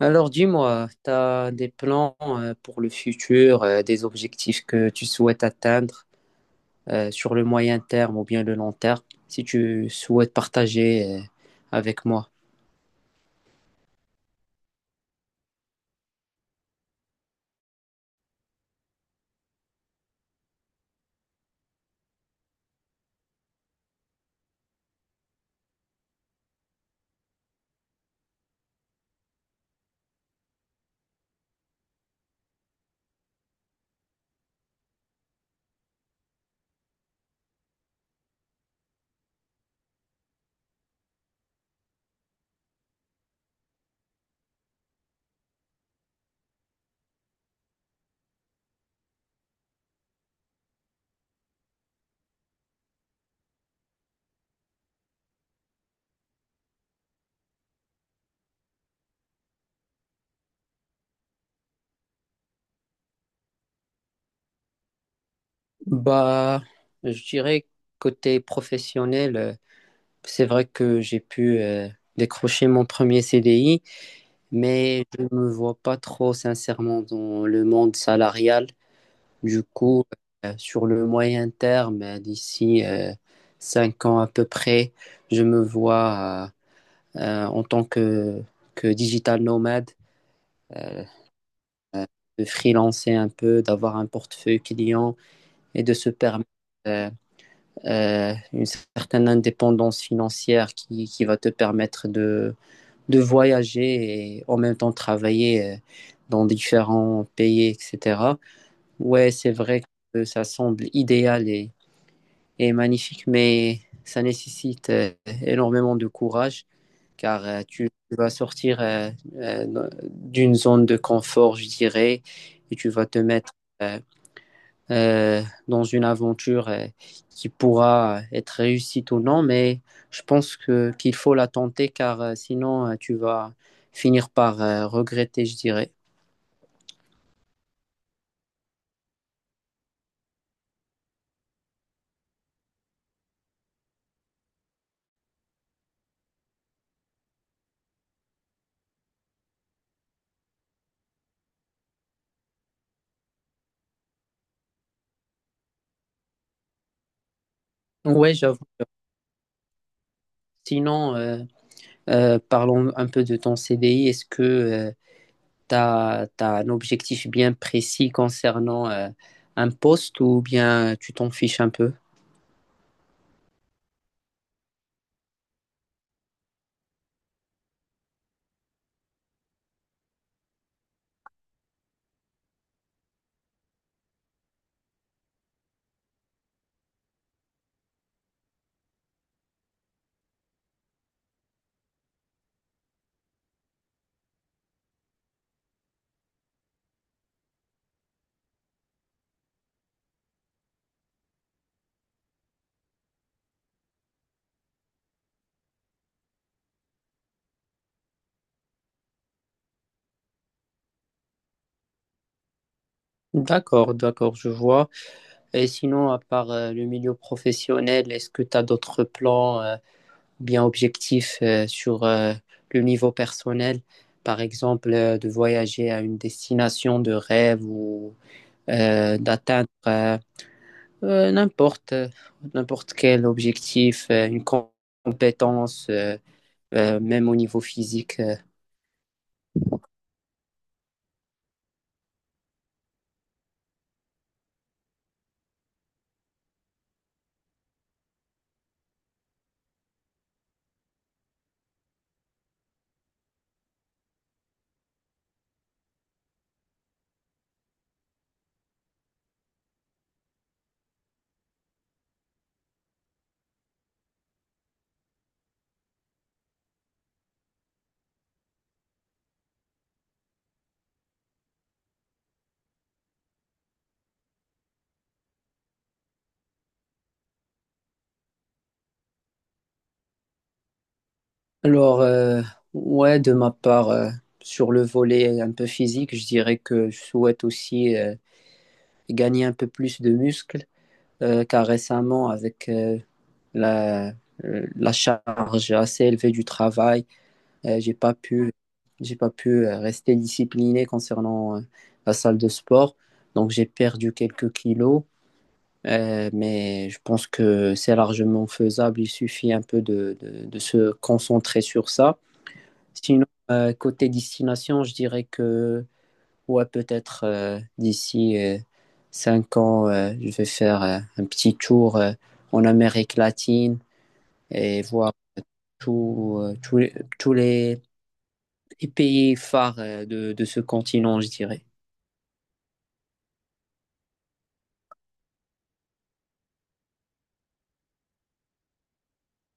Alors dis-moi, tu as des plans pour le futur, des objectifs que tu souhaites atteindre sur le moyen terme ou bien le long terme, si tu souhaites partager avec moi. Bah, je dirais côté professionnel, c'est vrai que j'ai pu décrocher mon premier CDI, mais je ne me vois pas trop sincèrement dans le monde salarial. Du coup, sur le moyen terme, d'ici 5 ans à peu près, je me vois en tant que digital nomade, euh, de freelancer un peu, d'avoir un portefeuille client et de se permettre euh, une certaine indépendance financière qui va te permettre de voyager et en même temps travailler dans différents pays, etc. Ouais, c'est vrai que ça semble idéal et est magnifique, mais ça nécessite énormément de courage car tu vas sortir d'une zone de confort, je dirais, et tu vas te mettre euh, euh, dans une aventure qui pourra être réussite ou non, mais je pense que qu'il faut la tenter car sinon tu vas finir par regretter, je dirais. Ouais, j'avoue. Sinon, parlons un peu de ton CDI. Est-ce que tu as, un objectif bien précis concernant un poste ou bien tu t'en fiches un peu? D'accord, d'accord, je vois. Et sinon, à part le milieu professionnel, est-ce que tu as d'autres plans bien objectifs sur le niveau personnel? Par exemple, de voyager à une destination de rêve ou d'atteindre euh, n'importe euh, n'importe quel objectif, une compétence, même au niveau physique. Alors, ouais, de ma part, sur le volet un peu physique, je dirais que je souhaite aussi gagner un peu plus de muscles, car récemment, avec la, la charge assez élevée du travail, euh, j'ai pas pu, j'ai pas pu rester discipliné concernant la salle de sport, donc j'ai perdu quelques kilos. Mais je pense que c'est largement faisable, il suffit un peu de se concentrer sur ça. Sinon, côté destination, je dirais que, ouais, peut-être d'ici 5 ans, je vais faire un petit tour en Amérique latine et voir tout, euh, tous les, tous les pays phares de ce continent, je dirais.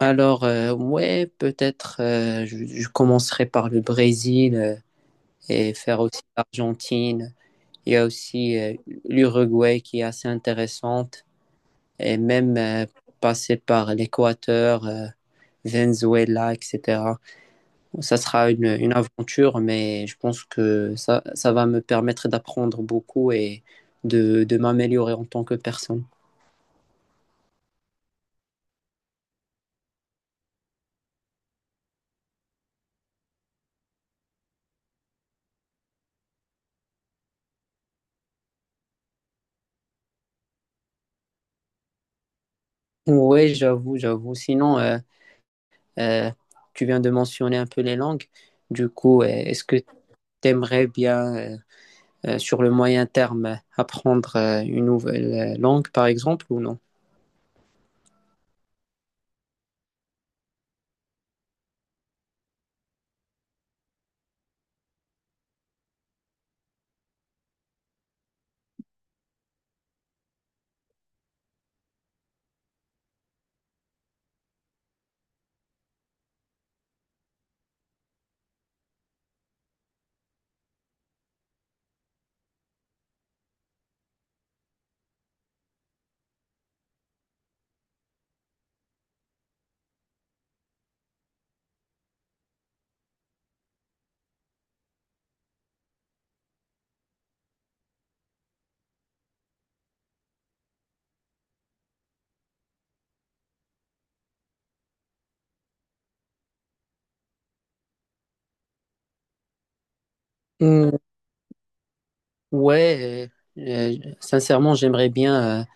Alors, ouais, peut-être je commencerai par le Brésil et faire aussi l'Argentine. Il y a aussi l'Uruguay qui est assez intéressante. Et même passer par l'Équateur, Venezuela, etc. Ça sera une aventure, mais je pense que ça va me permettre d'apprendre beaucoup et de m'améliorer en tant que personne. Oui, j'avoue, j'avoue. Sinon, euh, tu viens de mentionner un peu les langues. Du coup, est-ce que tu aimerais bien, sur le moyen terme, apprendre une nouvelle langue, par exemple, ou non? Ouais, euh, sincèrement, j'aimerais bien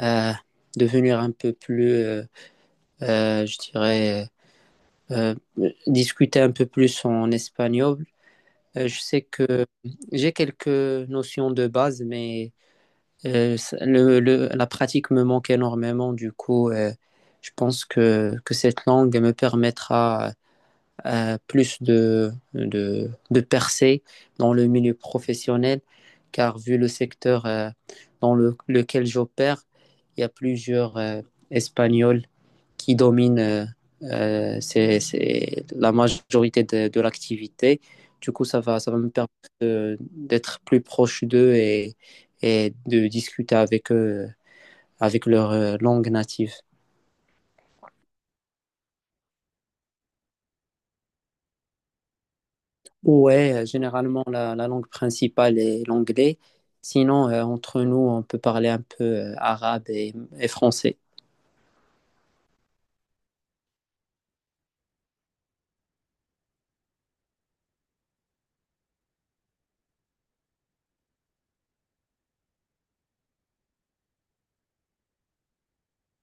euh, devenir un peu plus, je dirais, euh, discuter un peu plus en espagnol. Je sais que j'ai quelques notions de base, mais la pratique me manque énormément. Du coup, je pense que cette langue me permettra plus de percées dans le milieu professionnel, car vu le secteur dans lequel j'opère, il y a plusieurs Espagnols qui dominent c'est la majorité de l'activité. Du coup, ça va me permettre d'être plus proche d'eux et de discuter avec eux, avec leur langue native. Ouais, généralement la langue principale est l'anglais. Sinon, entre nous, on peut parler un peu arabe et français.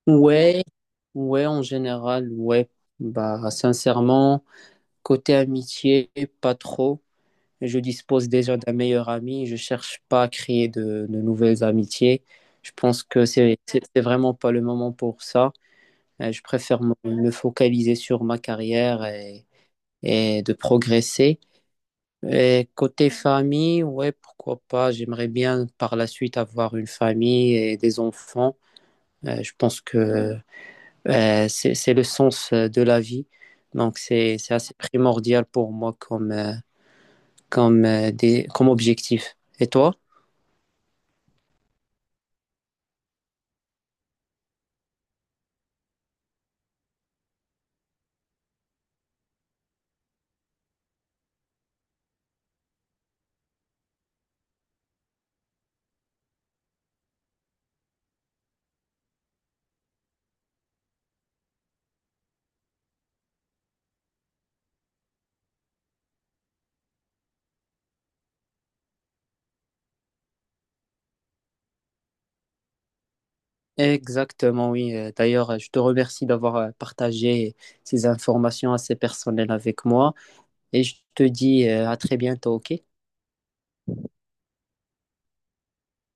Ouais, ouais, en général, ouais. Bah, sincèrement, côté amitié, pas trop. Je dispose déjà d'un meilleur ami. Je cherche pas à créer de nouvelles amitiés. Je pense que c'est vraiment pas le moment pour ça. Je préfère me focaliser sur ma carrière et de progresser. Et côté famille, ouais, pourquoi pas. J'aimerais bien par la suite avoir une famille et des enfants. Je pense que c'est le sens de la vie. Donc c'est assez primordial pour moi comme objectif. Et toi? Exactement, oui. D'ailleurs, je te remercie d'avoir partagé ces informations assez personnelles avec moi et je te dis à très bientôt, OK?